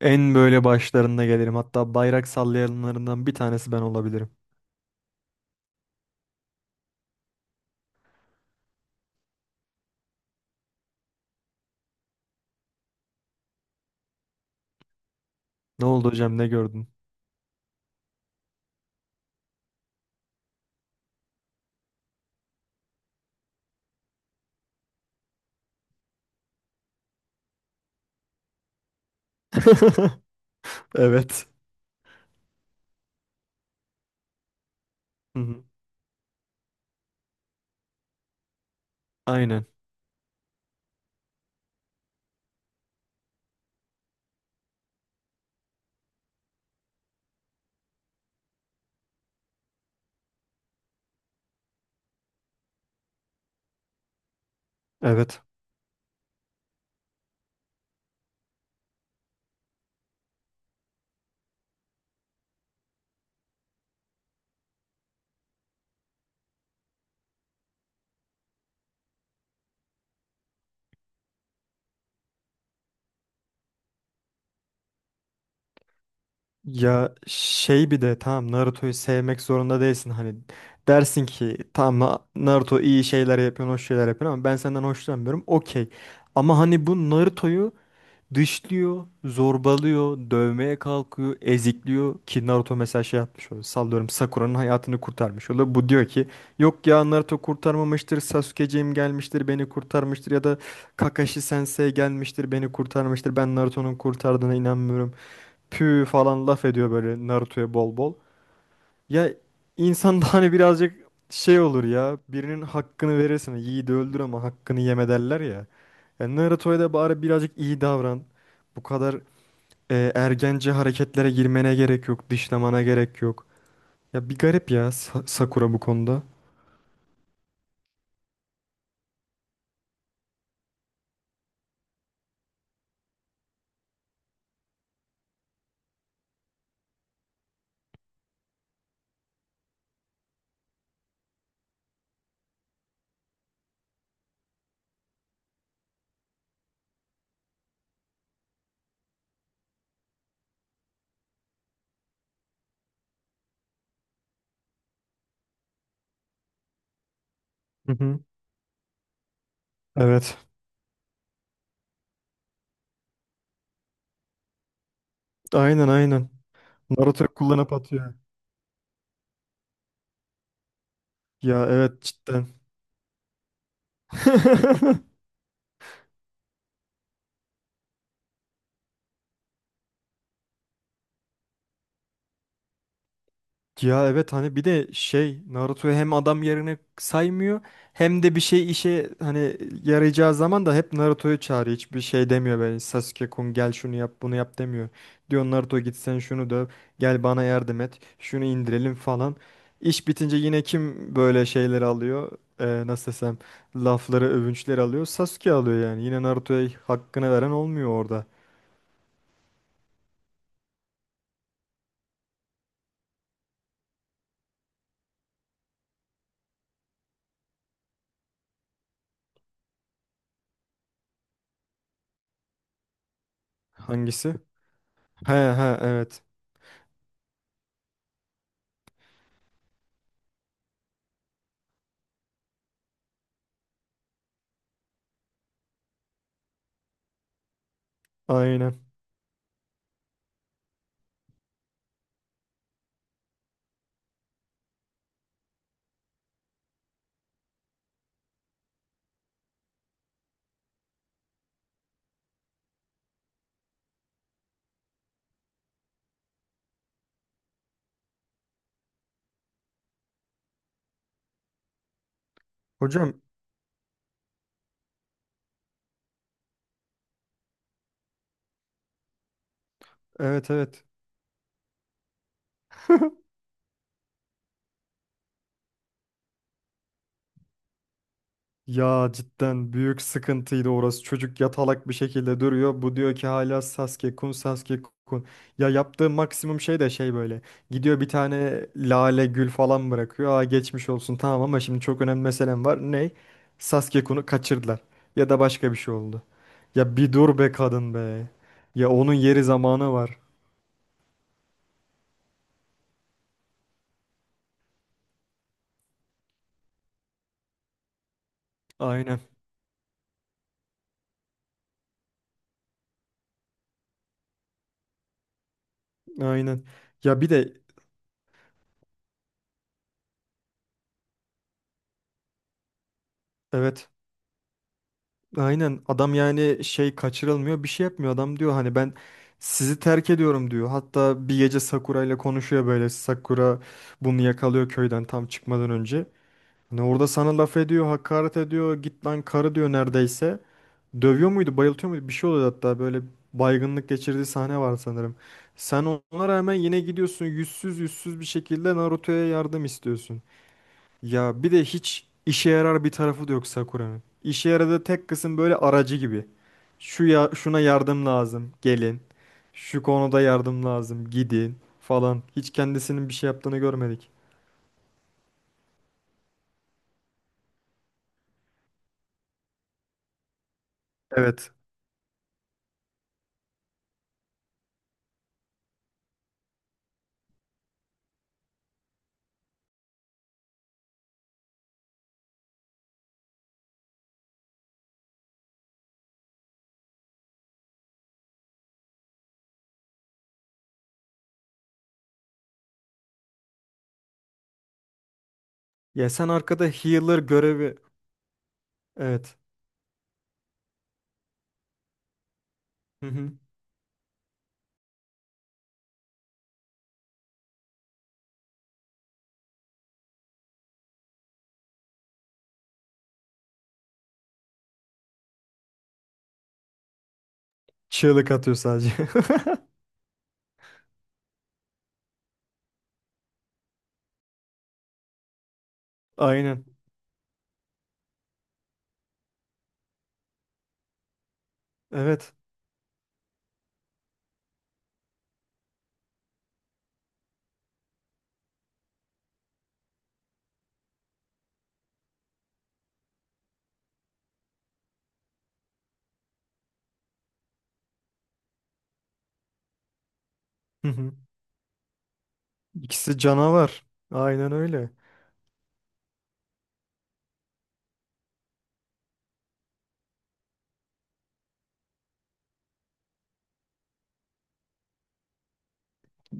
En böyle başlarında gelirim. Hatta bayrak sallayanlarından bir tanesi ben olabilirim. Ne oldu hocam, ne gördün? Evet. Hı hı. Aynen. Evet. Ya şey bir de tamam, Naruto'yu sevmek zorunda değilsin. Hani dersin ki tamam, Naruto iyi şeyler yapıyor, hoş şeyler yapıyor ama ben senden hoşlanmıyorum. Okey. Ama hani bu Naruto'yu dışlıyor, zorbalıyor, dövmeye kalkıyor, ezikliyor ki Naruto mesela şey yapmış oluyor. Sallıyorum, Sakura'nın hayatını kurtarmış oluyor. Bu diyor ki yok ya, Naruto kurtarmamıştır, Sasuke'ciğim gelmiştir beni kurtarmıştır ya da Kakashi Sensei gelmiştir beni kurtarmıştır. Ben Naruto'nun kurtardığına inanmıyorum. Pü falan laf ediyor böyle Naruto'ya bol bol. Ya, insan da hani birazcık şey olur ya. Birinin hakkını verirsin. Yiğidi öldür ama hakkını yeme derler ya. Ya Naruto'ya da bari birazcık iyi davran. Bu kadar ergence hareketlere girmene gerek yok. Dışlamana gerek yok. Ya bir garip ya Sakura bu konuda. Hı hı. Evet. Aynen, aynen. Naruto kullanıp atıyor. Ya evet, cidden. Ya evet, hani bir de şey, Naruto'yu hem adam yerine saymıyor hem de bir şey işe hani yarayacağı zaman da hep Naruto'yu çağırıyor. Hiçbir şey demiyor böyle, Sasuke-kun gel şunu yap bunu yap demiyor. Diyor Naruto git sen şunu döv, gel bana yardım et şunu indirelim falan. İş bitince yine kim böyle şeyleri alıyor? Nasıl desem, lafları, övünçleri alıyor, Sasuke alıyor yani. Yine Naruto'ya hakkını veren olmuyor orada. Hangisi? He he, evet, aynen. Hocam, evet evet. Ya cidden büyük sıkıntıydı orası. Çocuk yatalak bir şekilde duruyor. Bu diyor ki hala Sasuke kun, Sasuke kun. Ya yaptığı maksimum şey de şey böyle. Gidiyor bir tane lale gül falan bırakıyor. Aa, geçmiş olsun tamam ama şimdi çok önemli meselem var. Ney? Sasuke kun'u kaçırdılar. Ya da başka bir şey oldu. Ya bir dur be kadın be. Ya onun yeri zamanı var. Aynen, aynen. Ya bir de evet. Aynen, adam yani şey, kaçırılmıyor, bir şey yapmıyor adam, diyor hani ben sizi terk ediyorum diyor. Hatta bir gece Sakura ile konuşuyor böyle, Sakura bunu yakalıyor köyden tam çıkmadan önce. Hani orada sana laf ediyor, hakaret ediyor, git lan karı diyor neredeyse. Dövüyor muydu, bayıltıyor muydu, bir şey oluyor hatta böyle, baygınlık geçirdiği sahne var sanırım. Sen ona rağmen yine gidiyorsun yüzsüz yüzsüz bir şekilde Naruto'ya yardım istiyorsun. Ya bir de hiç işe yarar bir tarafı da yok Sakura'nın. İşe yaradığı tek kısım böyle aracı gibi. Şu ya, şuna yardım lazım, gelin. Şu konuda yardım lazım, gidin falan. Hiç kendisinin bir şey yaptığını görmedik. Evet. Ya sen arkada healer görevi. Evet. Hı hı. Çığlık atıyor sadece. Aynen. Evet. Hı hı. İkisi canavar. Aynen öyle.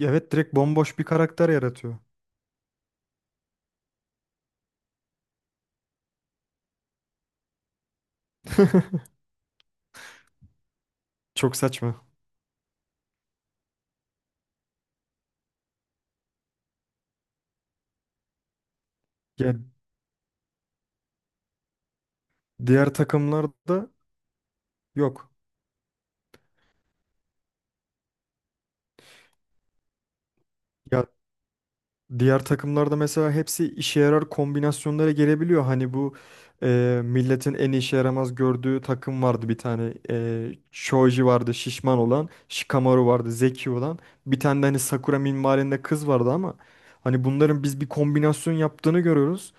Evet, direkt bomboş bir karakter yaratıyor. Çok saçma. Ya diğer takımlarda yok. Ya diğer takımlarda mesela hepsi işe yarar kombinasyonlara gelebiliyor. Hani bu milletin en işe yaramaz gördüğü takım vardı bir tane. E, Shoji vardı şişman olan. Shikamaru vardı zeki olan. Bir tane de hani Sakura minvalinde kız vardı ama hani bunların biz bir kombinasyon yaptığını görüyoruz.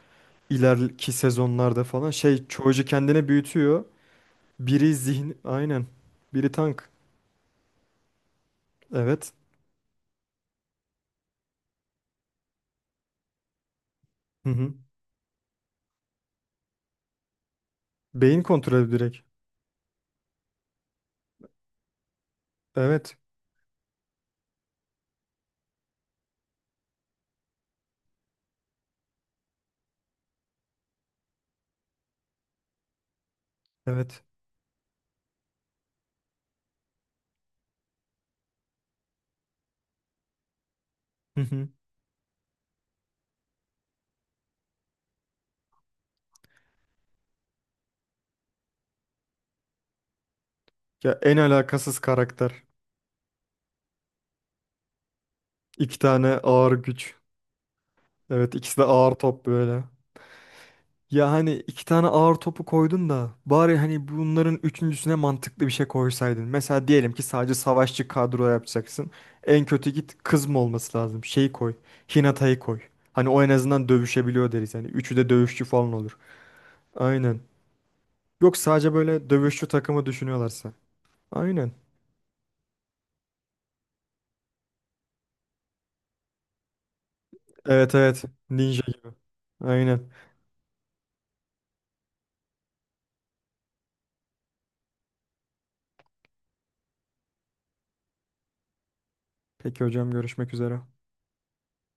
İleriki sezonlarda falan. Şey, Shoji kendini büyütüyor. Biri zihin, aynen. Biri tank. Evet. Hı hı. Beyin kontrolü direkt. Evet. Evet. Ya en alakasız karakter. İki tane ağır güç. Evet, ikisi de ağır top böyle. Ya hani iki tane ağır topu koydun da bari hani bunların üçüncüsüne mantıklı bir şey koysaydın. Mesela diyelim ki sadece savaşçı kadro yapacaksın. En kötü git, kız mı olması lazım? Şeyi koy. Hinata'yı koy. Hani o en azından dövüşebiliyor deriz. Hani üçü de dövüşçü falan olur. Aynen. Yok, sadece böyle dövüşçü takımı düşünüyorlarsa. Aynen. Evet evet. Ninja gibi. Aynen. Peki hocam, görüşmek üzere.